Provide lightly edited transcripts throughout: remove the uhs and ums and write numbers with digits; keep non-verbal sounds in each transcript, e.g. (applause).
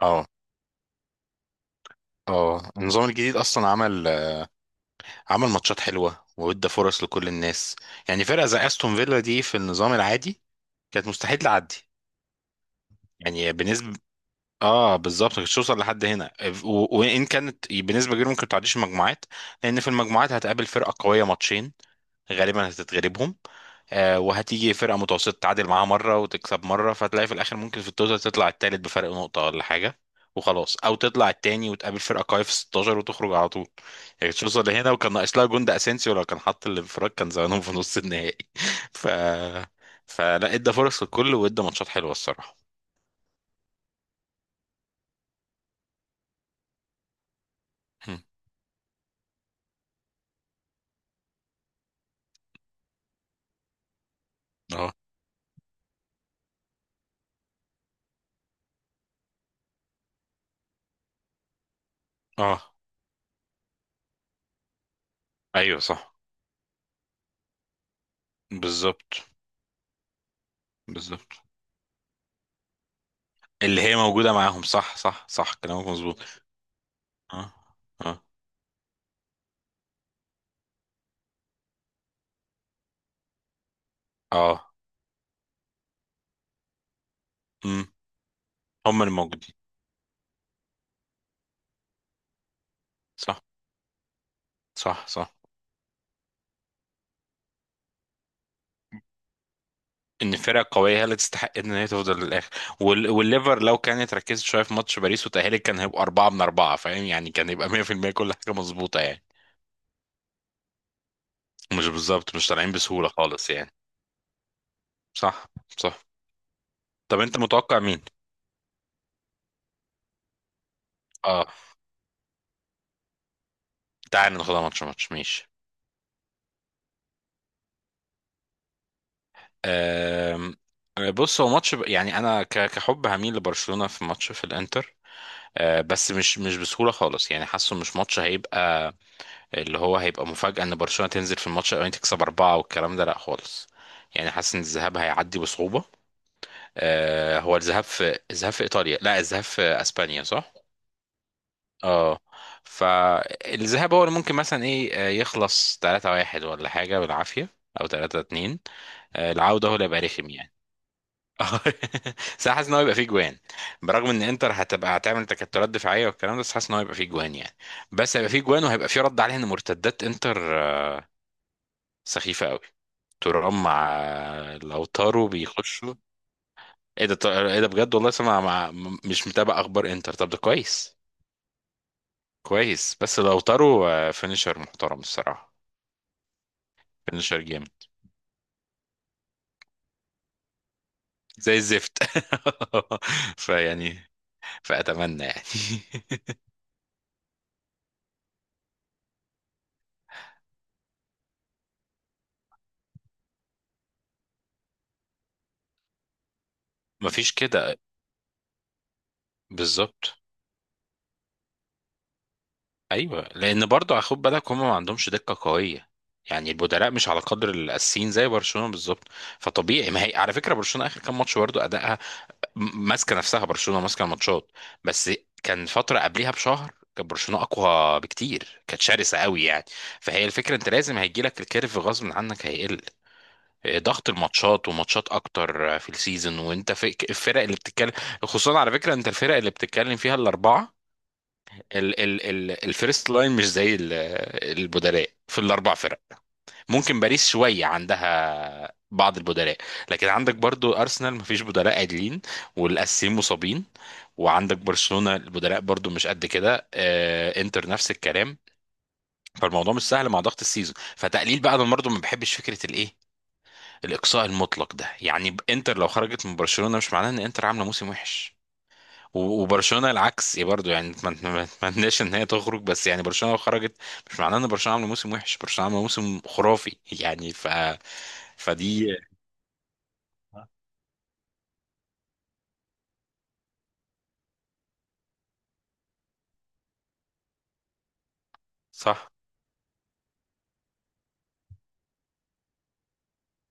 اه اه، النظام الجديد اصلا عمل ماتشات حلوه وادى فرص لكل الناس. يعني فرقه زي استون فيلا دي في النظام العادي كانت مستحيل تعدي، يعني بنسبه. اه بالظبط، كانت توصل لحد هنا، وان كانت بنسبه كبيره ممكن تعديش المجموعات، لان في المجموعات هتقابل فرقه قويه ماتشين غالبا هتتغلبهم. وهتيجي فرقة متوسطة تعادل معاها مرة وتكسب مرة، فتلاقي في الآخر ممكن في التوتال تطلع التالت بفرق نقطة ولا حاجة، وخلاص. أو تطلع التاني وتقابل فرقة قوية في 16 وتخرج على طول. يعني كانت توصل لهنا، وكان ناقص لها جون. ده أسينسيو لو كان حط الانفراد كان زمانهم في نص النهائي. (laughs) ف فلا، ادى فرص للكل وادى ماتشات حلوة الصراحة. هم. اه. اه. ايوه صح. بالظبط. بالظبط اللي هي موجودة معاهم، صح صح صح، كلامك مظبوط. اه. اه. اه. امم. هم اللي موجودين، صح. صح صح. ان فرقه قويه هي اللي تستحق ان هي تفضل للاخر. والليفر لو كانت ركزت شويه في ماتش باريس وتاهلت، كان هيبقى اربعه من اربعه، فاهم؟ يعني كان يبقى 100% كل حاجه مظبوطه يعني. مش بالظبط، مش طالعين بسهوله خالص يعني. صح. صح. طب انت متوقع مين؟ اه. تعال ناخدها ماتش ماتش، ماشي. أم... بص، هو ماتش يعني انا كحب هميل لبرشلونه في ماتش في الانتر. بس مش بسهولة خالص يعني. حاسه مش ماتش هيبقى، اللي هو هيبقى مفاجأة ان برشلونة تنزل في الماتش الاولاني تكسب أربعة والكلام ده، لا خالص. يعني حاسس ان الذهاب هيعدي بصعوبة. آه، هو الذهاب في الذهاب في ايطاليا؟ لا، الذهاب في اسبانيا صح. اه، فالذهاب هو اللي ممكن مثلا ايه، يخلص 3-1 ولا حاجة بالعافية، او 3-2. العودة هو اللي هيبقى رخم يعني. اه. (laughs) بس أنا حاسس ان هو يبقى فيه جوان، برغم ان انتر هتبقى هتعمل تكتلات دفاعيه والكلام ده، بس حاسس ان هو هيبقى فيه جوان يعني. بس هيبقى فيه جوان، وهيبقى فيه رد عليها، ان مرتدات انتر سخيفه قوي. ترام مع لوتارو بيخشوا. ايه ده؟ ايه ده بجد، والله سمع مع. مش متابع اخبار انتر، طب ده كويس. كويس. بس لوتارو فينيشر محترم الصراحه. فينيشر جامد زي الزفت. (laughs) فيعني، فاتمنى يعني. (laughs) مفيش كده. بالظبط. ايوه، لان برضو خد بالك، هم ما عندهمش دقه قويه. يعني البدلاء مش على قدر الاساسيين، زي برشلونه بالظبط. فطبيعي. ما هي على فكره برشلونه اخر كام ماتش برضو ادائها، ماسكه نفسها. برشلونه ماسكه الماتشات بس. كان فتره قبلها بشهر كان برشلونه اقوى بكتير، كانت شرسه قوي يعني. فهي الفكره، انت لازم هيجي لك الكيرف غصب عنك، هيقل ضغط الماتشات وماتشات اكتر في السيزون، وانت في الفرق اللي بتتكلم. خصوصا على فكره انت الفرق اللي بتتكلم فيها الاربعه، ال ال ال الفيرست لاين مش زي البدلاء في الاربع فرق. ممكن باريس شوية عندها بعض البدلاء، لكن عندك برضو أرسنال مفيش بدلاء عادلين والأساسيين مصابين، وعندك برشلونة البدلاء برضو مش قد كده. انتر نفس الكلام. فالموضوع مش سهل مع ضغط السيزون. فتقليل بقى، انا برضو ما بحبش فكرة الايه، الإقصاء المطلق ده. يعني انتر لو خرجت من برشلونة، مش معناه ان انتر عاملة موسم وحش. وبرشلونه العكس إيه برضو يعني، ما اتمناش ان هي تخرج، بس يعني برشلونه لو خرجت مش معناه ان برشلونه عامله موسم وحش، برشلونه عامله موسم خرافي يعني. ف، فدي. صح.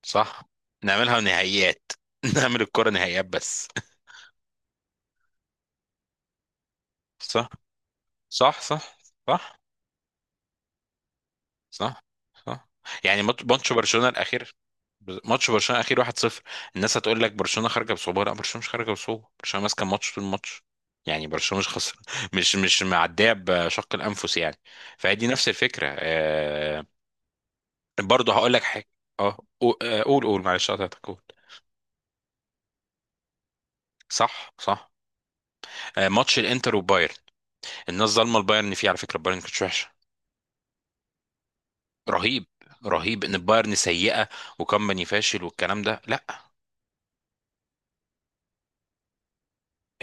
صح. نعملها نهائيات. (laughs) نعمل الكره نهائيات بس. صح. صح صح. صح. صح. صح. يعني ماتش ماتش برشلونة الأخير، ماتش برشلونة الأخير 1-0. الناس هتقول لك برشلونة خارجة بصعوبة، لا برشلونة مش خارجة بصعوبة، برشلونة ماسكة الماتش طول الماتش، يعني برشلونة مش خسر. (laughs) مش معدية بشق الأنفس يعني. فهي دي نفس الفكرة. آه، برضه هقول لك حاجة. اه. قول قول، معلش قطعتك، قول. صح. صح. ماتش الانتر وبايرن، الناس ظالمه البايرن فيه على فكره. البايرن كانت وحشه رهيب، رهيب ان البايرن سيئه وكمباني فاشل والكلام ده، لا.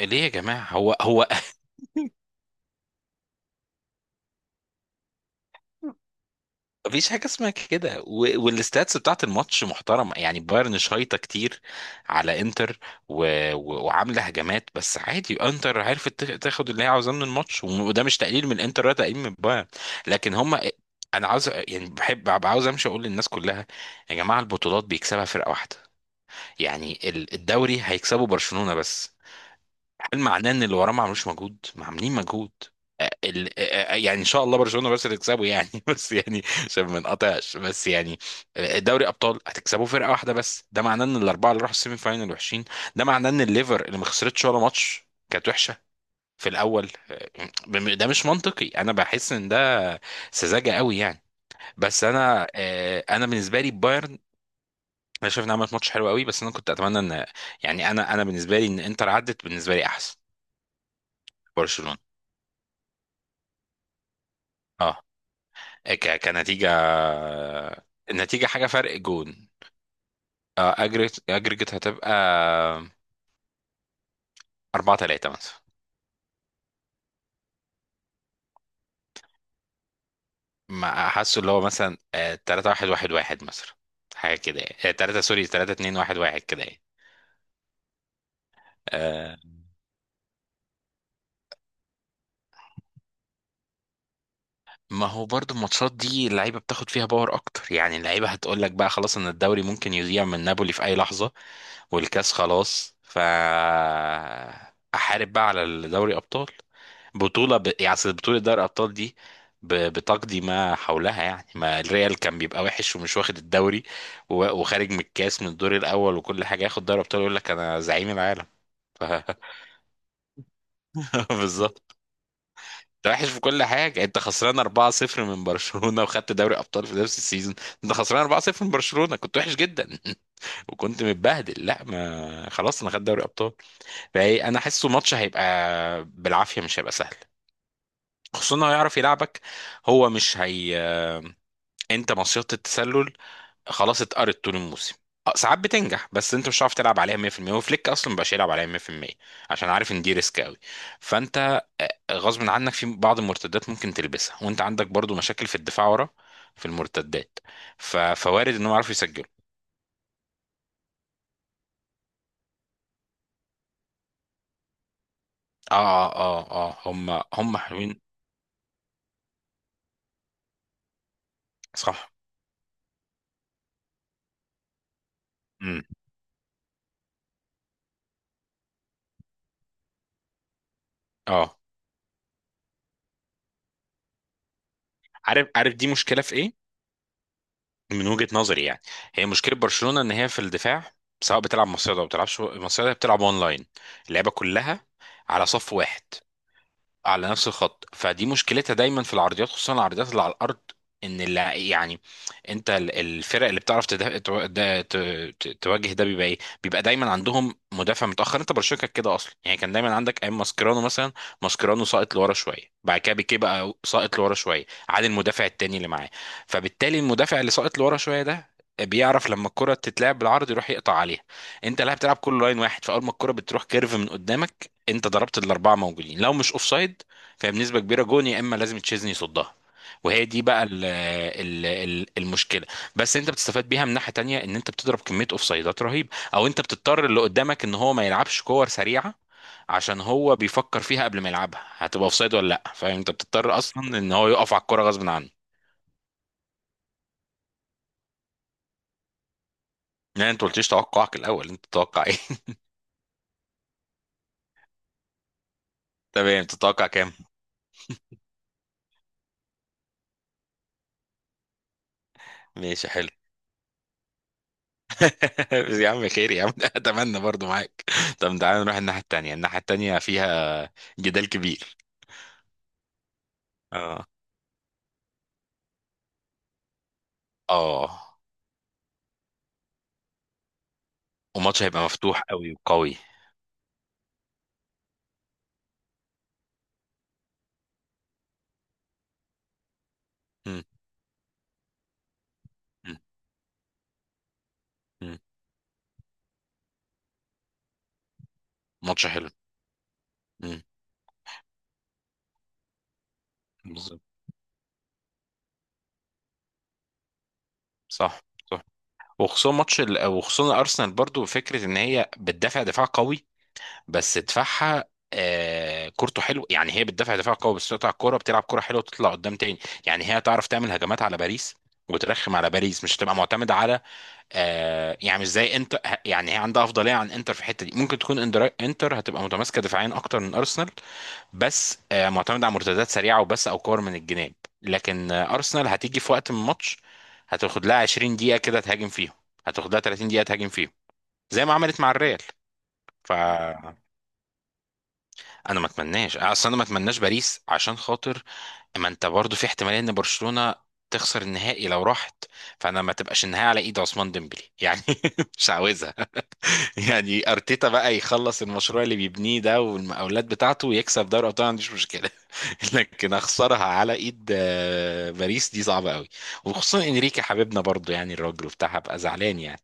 ليه يا جماعه؟ هو مفيش حاجة اسمها كده. والستاتس بتاعت الماتش محترمة يعني، بايرن شايطة كتير على انتر و... وعاملة هجمات، بس عادي انتر عرفت تاخد اللي هي عاوزاه من الماتش. وده مش تقليل من الانتر ولا تقليل من بايرن، لكن هما. انا عاوز، يعني بحب ببقى عاوز امشي اقول للناس كلها: يا جماعة البطولات بيكسبها فرقة واحدة. يعني الدوري هيكسبه برشلونة بس، هل معناه ان اللي وراه ما عملوش مجهود، ما عاملين مجهود؟ يعني ان شاء الله برشلونه بس تكسبه يعني، (laughs) بس يعني عشان ما نقطعش بس يعني. دوري ابطال هتكسبوا فرقه واحده بس، ده معناه ان الاربعه اللي راحوا السيمي فاينال وحشين؟ ده معناه ان الليفر اللي ما خسرتش ولا ماتش كانت وحشه في الاول؟ ده مش منطقي. انا بحس ان ده سذاجه قوي يعني. بس انا انا بالنسبه لي بايرن، انا شايف انها عملت ماتش حلو قوي. بس انا كنت اتمنى ان، يعني انا بالنسبه لي ان انتر عدت بالنسبه لي احسن. برشلونه. اه، كنتيجة، النتيجة حاجة فرق جون. أجريت هتبقى أربعة تلاتة مثلا. ما حاسه اللي هو مثلا تلاتة واحد واحد واحد مثلا. حاجة كده يعني، تلاتة سوري تلاتة اتنين واحد واحد كده يعني. آه، ما هو برضو الماتشات دي اللعيبه بتاخد فيها باور اكتر يعني. اللعيبه هتقول لك بقى، خلاص ان الدوري ممكن يضيع من نابولي في اي لحظه، والكاس خلاص، ف احارب بقى على دوري ابطال. بطوله يعني، أصل بطوله دوري ابطال دي بتقضي ما حولها يعني. ما الريال كان بيبقى وحش ومش واخد الدوري، وخارج من الكاس من الدور الاول وكل حاجه، ياخد دوري ابطال يقول لك انا زعيم العالم. (laughs) ف... بالظبط. انت وحش في كل حاجه، انت خسران 4-0 من برشلونه وخدت دوري ابطال في نفس السيزون. انت خسران 4-0 من برشلونه كنت وحش جدا، (laughs) وكنت متبهدل، لا ما خلاص انا خدت دوري ابطال. فايه، انا حاسه ماتش هيبقى بالعافيه، مش هيبقى سهل. خصوصا انه هيعرف يلعبك. هو مش هي، انت مصيدة التسلل، خلاص اتقرت طول الموسم. ساعات بتنجح، بس انت مش هتعرف تلعب عليها 100%، وفليك اصلا مبقاش يلعب عليها 100% عشان عارف ان دي ريسك قوي. فانت غصب عنك في بعض المرتدات ممكن تلبسها، وانت عندك برضو مشاكل في الدفاع ورا في المرتدات. فوارد انهم يعرفوا يسجلوا. اه اه اه اه، هم حلوين. صح. امم. اه، عارف، عارف دي مشكله في ايه، من وجهه نظري يعني. هي مشكله برشلونه ان هي في الدفاع، سواء بتلعب مصيدة او بتلعبش مصيدة، بتلعب اونلاين. اللعبه كلها على صف واحد، على نفس الخط. فدي مشكلتها دايما في العرضيات، خصوصا العرضيات اللي على الارض. ان يعني انت، الفرق اللي بتعرف تده... تو- ده- ت... ت... تواجه ده بيبقى ايه، بيبقى دايما عندهم مدافع متاخر. انت برشلونه كانت كده اصلا يعني، كان دايما عندك ايام ماسكيرانو مثلا. ماسكيرانو ساقط لورا شويه، بعد كده بيكي بقى ساقط لورا شويه عن المدافع التاني اللي معاه. فبالتالي المدافع اللي ساقط لورا شويه ده بيعرف لما الكرة تتلعب بالعرض يروح يقطع عليها. انت لا، بتلعب كل لاين واحد، فاول ما الكرة بتروح كيرف من قدامك انت ضربت، الاربعه موجودين لو مش اوفسايد. فهي بنسبه كبيره جون، يا اما لازم تشيزني يصدها. وهي دي بقى ال المشكله. بس انت بتستفاد بيها من ناحيه تانية، ان انت بتضرب كميه اوفسايدات رهيبه، او انت بتضطر اللي قدامك ان هو ما يلعبش كور سريعه عشان هو بيفكر فيها قبل ما يلعبها هتبقى اوفسايد ولا لا، فاهم؟ انت بتضطر اصلا ان هو يقف على الكوره غصب عنه. لا انت قلتليش توقعك الاول، انت تتوقع ايه؟ (laughs) تمام، تتوقع كام؟ ماشي، حلو. (laughs) يا عم خير يا عم، (laughs) اتمنى برضو معاك. طب تعالى نروح الناحيه التانيه، الناحيه التانيه فيها جدال كبير. اه. اه. وماتش هيبقى مفتوح قوي وقوي. مم. مم. مم. ماتش حلو. مم. بالظبط. صح. صح. وخصوصا وخصوصا ارسنال برضو، فكره ان هي بتدافع دفاع قوي، بس دفاعها آه كورته حلو يعني. هي بتدافع دفاع قوي بس تقطع الكوره بتلعب كوره حلوه وتطلع قدام تاني. يعني هي تعرف تعمل هجمات على باريس وترخم على باريس، مش هتبقى معتمده على، آه، يعني مش زي انتر، يعني هي عندها افضليه عن انتر في الحته دي. ممكن تكون انتر هتبقى متماسكه دفاعيا اكتر من ارسنال، بس آه معتمده على مرتدات سريعه وبس، او كور من الجناب. لكن آه ارسنال هتيجي في وقت من الماتش، هتاخد لها 20 دقيقه كده تهاجم فيهم، هتاخد لها 30 دقيقه تهاجم فيهم، زي ما عملت مع الريال. فانا ما اتمناش اصلا، انا ما اتمناش باريس عشان خاطر، ما انت برضو في احتماليه ان برشلونه تخسر النهائي لو راحت. فانا ما تبقاش النهائي على ايد عثمان ديمبلي يعني، (laughs) مش عاوزها. (laughs) يعني ارتيتا بقى يخلص المشروع اللي بيبنيه ده والمقاولات بتاعته ويكسب دوري ابطال، ما عنديش مشكله. (laughs) لكن اخسرها على ايد باريس، دي صعبه قوي. وخصوصا انريكي حبيبنا برضو يعني، الراجل وبتاع، هبقى زعلان يعني.